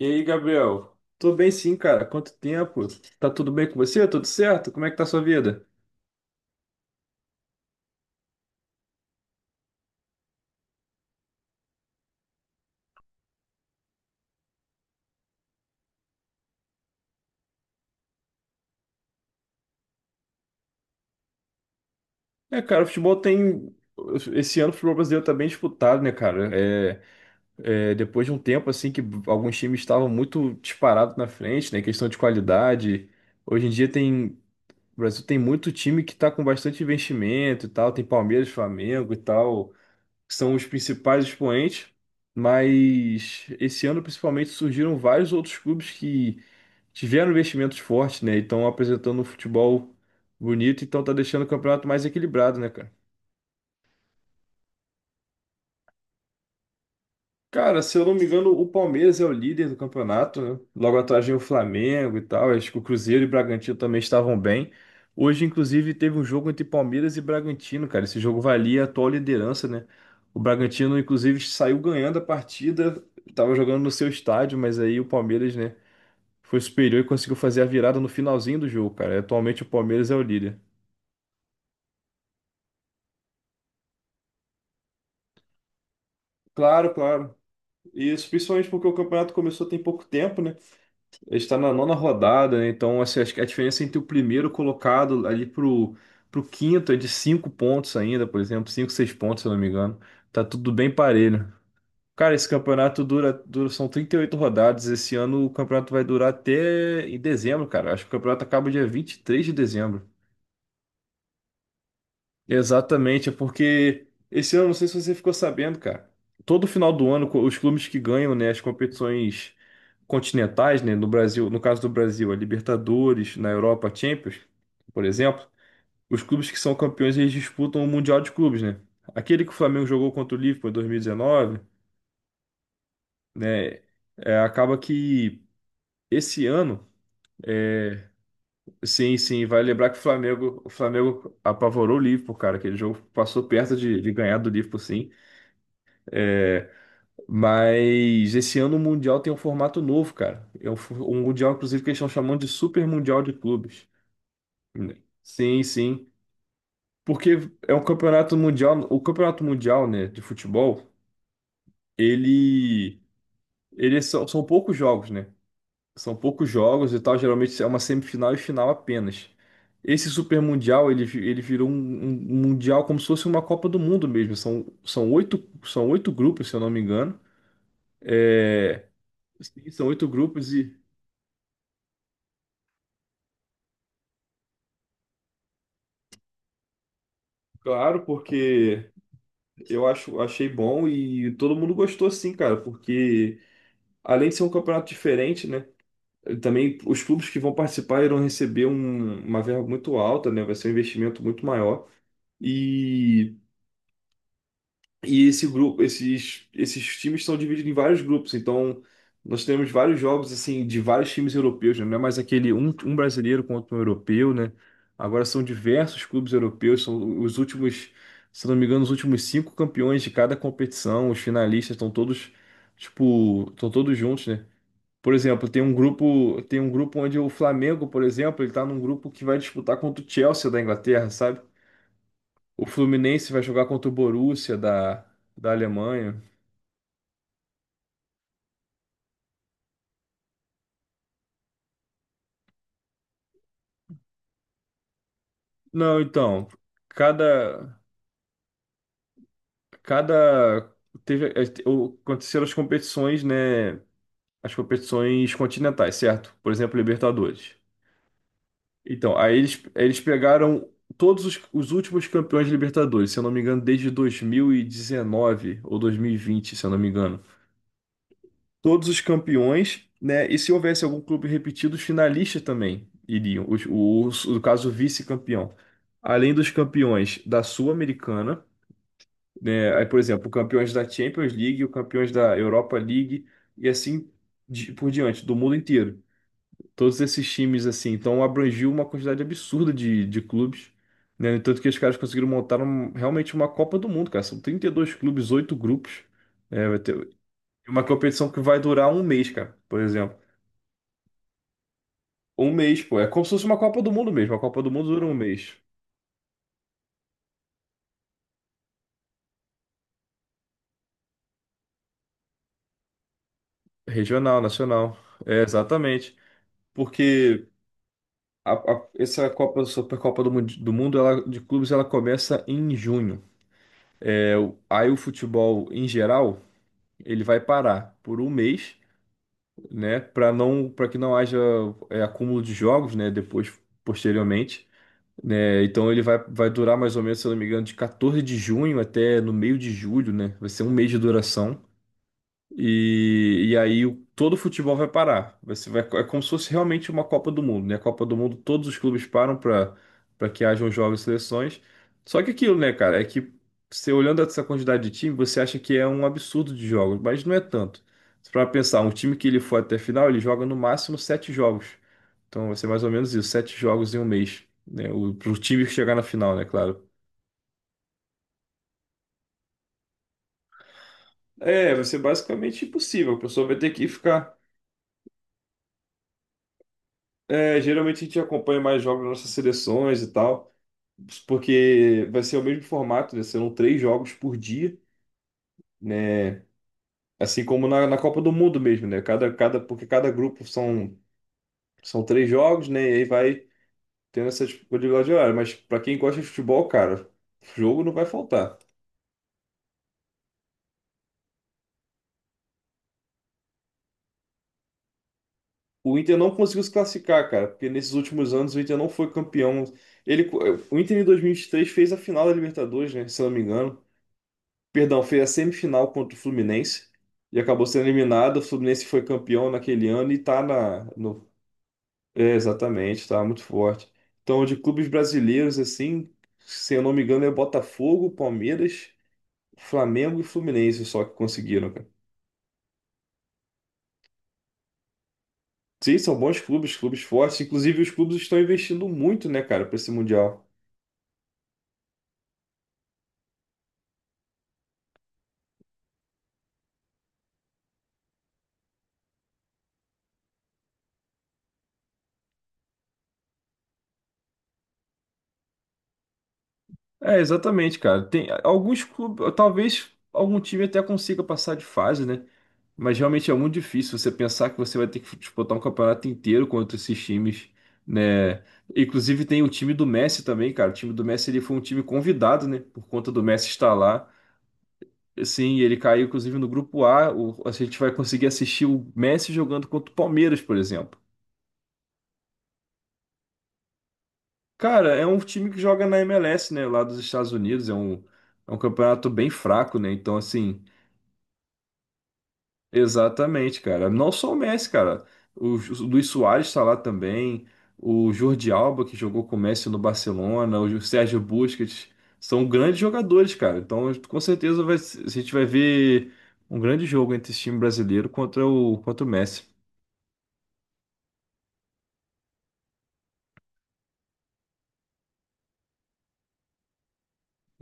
E aí, Gabriel? Tô bem sim, cara. Quanto tempo? Tá tudo bem com você? Tudo certo? Como é que tá a sua vida? É, cara, o futebol tem. Esse ano o futebol brasileiro tá bem disputado, né, cara? É, depois de um tempo, assim, que alguns times estavam muito disparados na frente, né? Questão de qualidade. Hoje em dia tem. O Brasil tem muito time que tá com bastante investimento e tal. Tem Palmeiras, Flamengo e tal, que são os principais expoentes. Mas esse ano, principalmente, surgiram vários outros clubes que tiveram investimentos fortes, né? E estão apresentando um futebol bonito, então tá deixando o campeonato mais equilibrado, né, cara? Cara, se eu não me engano, o Palmeiras é o líder do campeonato, né? Logo atrás vem o Flamengo e tal. Acho que o Cruzeiro e o Bragantino também estavam bem. Hoje, inclusive, teve um jogo entre Palmeiras e Bragantino, cara. Esse jogo valia a atual liderança, né? O Bragantino, inclusive, saiu ganhando a partida, tava jogando no seu estádio, mas aí o Palmeiras, né, foi superior e conseguiu fazer a virada no finalzinho do jogo, cara. Atualmente o Palmeiras é o líder. Claro, claro. Isso, principalmente porque o campeonato começou tem pouco tempo, né? A gente tá na nona rodada, né? Então, assim, acho que a diferença entre o primeiro colocado ali pro quinto é de cinco pontos ainda, por exemplo, cinco, seis pontos, se eu não me engano. Tá tudo bem parelho. Cara, esse campeonato dura, são 38 rodadas. Esse ano o campeonato vai durar até em dezembro, cara. Acho que o campeonato acaba dia 23 de dezembro. Exatamente, é porque esse ano, não sei se você ficou sabendo, cara, todo final do ano os clubes que ganham, né, as competições continentais, né, no Brasil, no caso do Brasil, a Libertadores, na Europa, a Champions, por exemplo, os clubes que são campeões, eles disputam o Mundial de Clubes, né? Aquele que o Flamengo jogou contra o Liverpool em 2019, né, acaba que esse ano, é, sim, sim, vai lembrar que o Flamengo apavorou o Liverpool, cara, aquele jogo passou perto de ganhar do Liverpool, sim. É, mas esse ano o Mundial tem um formato novo, cara. É um Mundial, inclusive, que eles estão chamando de Super Mundial de Clubes. Sim, sim. Porque é um campeonato mundial. O campeonato mundial, né, de futebol, ele, ele são poucos jogos, né? São poucos jogos e tal. Geralmente é uma semifinal e final apenas. Esse Super Mundial, ele, ele virou um mundial como se fosse uma Copa do Mundo mesmo. São oito grupos, se eu não me engano. É, Sim, são oito grupos e, claro, porque achei bom e todo mundo gostou sim, cara, porque além de ser um campeonato diferente, né? Também os clubes que vão participar irão receber uma verba muito alta, né? Vai ser um investimento muito maior. e E esse grupo, esses times são divididos em vários grupos. Então, nós temos vários jogos assim de vários times europeus, né? Não é mais aquele um brasileiro contra um europeu, né? Agora são diversos clubes europeus, são os últimos, se não me engano, os últimos cinco campeões de cada competição, os finalistas estão todos, tipo, estão todos juntos, né? Por exemplo, tem um grupo onde o Flamengo, por exemplo, ele tá num grupo que vai disputar contra o Chelsea da Inglaterra, sabe? O Fluminense vai jogar contra o Borussia da Alemanha. Não, então, cada, cada teve aconteceram as competições, né? As competições continentais, certo? Por exemplo, Libertadores. Então, aí eles pegaram todos os últimos campeões de Libertadores, se eu não me engano, desde 2019 ou 2020, se eu não me engano. Todos os campeões, né? E se houvesse algum clube repetido, os finalistas também iriam. No caso, o vice-campeão. Além dos campeões da Sul-Americana, né? Aí, por exemplo, o campeões da Champions League, o campeões da Europa League e assim por diante, do mundo inteiro. Todos esses times, assim, então abrangiu uma quantidade absurda de clubes, né? No Tanto que os caras conseguiram montar realmente uma Copa do Mundo, cara. São 32 clubes, oito grupos. É, vai ter uma competição que vai durar um mês, cara, por exemplo. Um mês, pô. É como se fosse uma Copa do Mundo mesmo. A Copa do Mundo dura um mês. Regional, nacional. É, exatamente. Porque essa Copa, do Mundo, ela, de clubes, ela começa em junho. É, aí o futebol, em geral, ele vai parar por um mês, né, para não, para que não haja acúmulo de jogos, né, depois, posteriormente. Né? Então ele vai durar mais ou menos, se eu não me engano, de 14 de junho até no meio de julho, né? Vai ser um mês de duração. E, aí todo o futebol vai parar. É como se fosse realmente uma Copa do Mundo, né? A Copa do Mundo, todos os clubes param para que hajam jogos e seleções. Só que aquilo, né, cara, é que você olhando essa quantidade de time, você acha que é um absurdo de jogos, mas não é tanto. Para pensar, um time que ele for até a final, ele joga no máximo sete jogos. Então vai ser mais ou menos isso, sete jogos em um mês, né? Para o pro time chegar na final, né, claro. É, vai ser basicamente impossível. A pessoa vai ter que ficar. É, geralmente a gente acompanha mais jogos das nossas seleções e tal, porque vai ser o mesmo formato, né? Serão três jogos por dia, né? Assim como na Copa do Mundo mesmo, né? Porque cada grupo são três jogos, né? E aí vai tendo essa disponibilidade de horário. Mas para quem gosta de futebol, cara, jogo não vai faltar. O Inter não conseguiu se classificar, cara, porque nesses últimos anos o Inter não foi campeão. Ele, o Inter em 2023 fez a final da Libertadores, né? Se eu não me engano. Perdão, foi a semifinal contra o Fluminense e acabou sendo eliminado. O Fluminense foi campeão naquele ano e tá na, no, é, exatamente, tá muito forte. Então, de clubes brasileiros, assim, se eu não me engano, é Botafogo, Palmeiras, Flamengo e Fluminense só que conseguiram, cara. Sim, são bons clubes, clubes fortes. Inclusive, os clubes estão investindo muito, né, cara, para esse Mundial. É, exatamente, cara. Tem alguns clubes, talvez algum time até consiga passar de fase, né? Mas realmente é muito difícil você pensar que você vai ter que disputar um campeonato inteiro contra esses times, né? Inclusive tem o time do Messi também, cara. O time do Messi ele foi um time convidado, né? Por conta do Messi estar lá. Sim, ele caiu inclusive no grupo A. A gente vai conseguir assistir o Messi jogando contra o Palmeiras, por exemplo. Cara, é um time que joga na MLS, né? Lá dos Estados Unidos. É um campeonato bem fraco, né? Então, assim. Exatamente, cara. Não só o Messi, cara. O Luis Soares está lá também. O Jordi Alba, que jogou com o Messi no Barcelona. Sérgio Busquets. São grandes jogadores, cara. Então, com certeza, vai, se- a gente vai ver um grande jogo entre esse time brasileiro contra contra o Messi.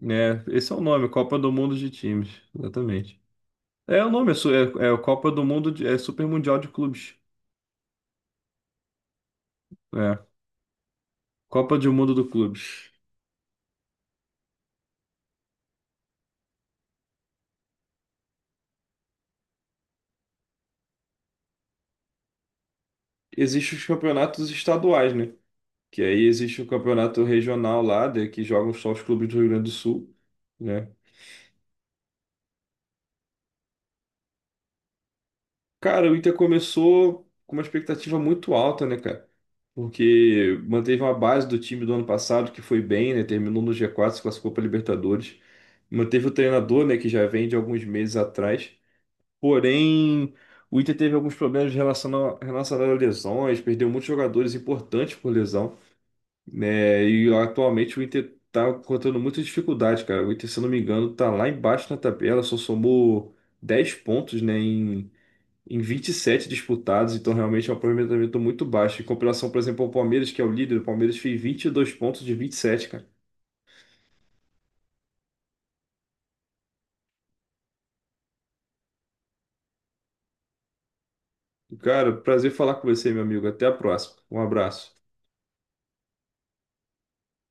Né? Esse é o nome, Copa do Mundo de Times. Exatamente. É o nome, é, Copa do Mundo, é Super Mundial de Clubes. É, Copa do Mundo do Clubes. Existem os campeonatos estaduais, né? Que aí existe o campeonato regional lá, que jogam só os clubes do Rio Grande do Sul, né? Cara, o Inter começou com uma expectativa muito alta, né, cara? Porque manteve uma base do time do ano passado, que foi bem, né? Terminou no G4, se classificou para Libertadores. Manteve o treinador, né, que já vem de alguns meses atrás. Porém, o Inter teve alguns problemas relacionados a lesões, perdeu muitos jogadores importantes por lesão. Né? E atualmente o Inter tá encontrando muita dificuldade, cara. O Inter, se eu não me engano, tá lá embaixo na tabela, só somou 10 pontos, né, em 27 disputados, então realmente é um aproveitamento muito baixo. Em comparação, por exemplo, ao Palmeiras, que é o líder, o Palmeiras fez 22 pontos de 27, cara. Cara, prazer falar com você, meu amigo. Até a próxima. Um abraço.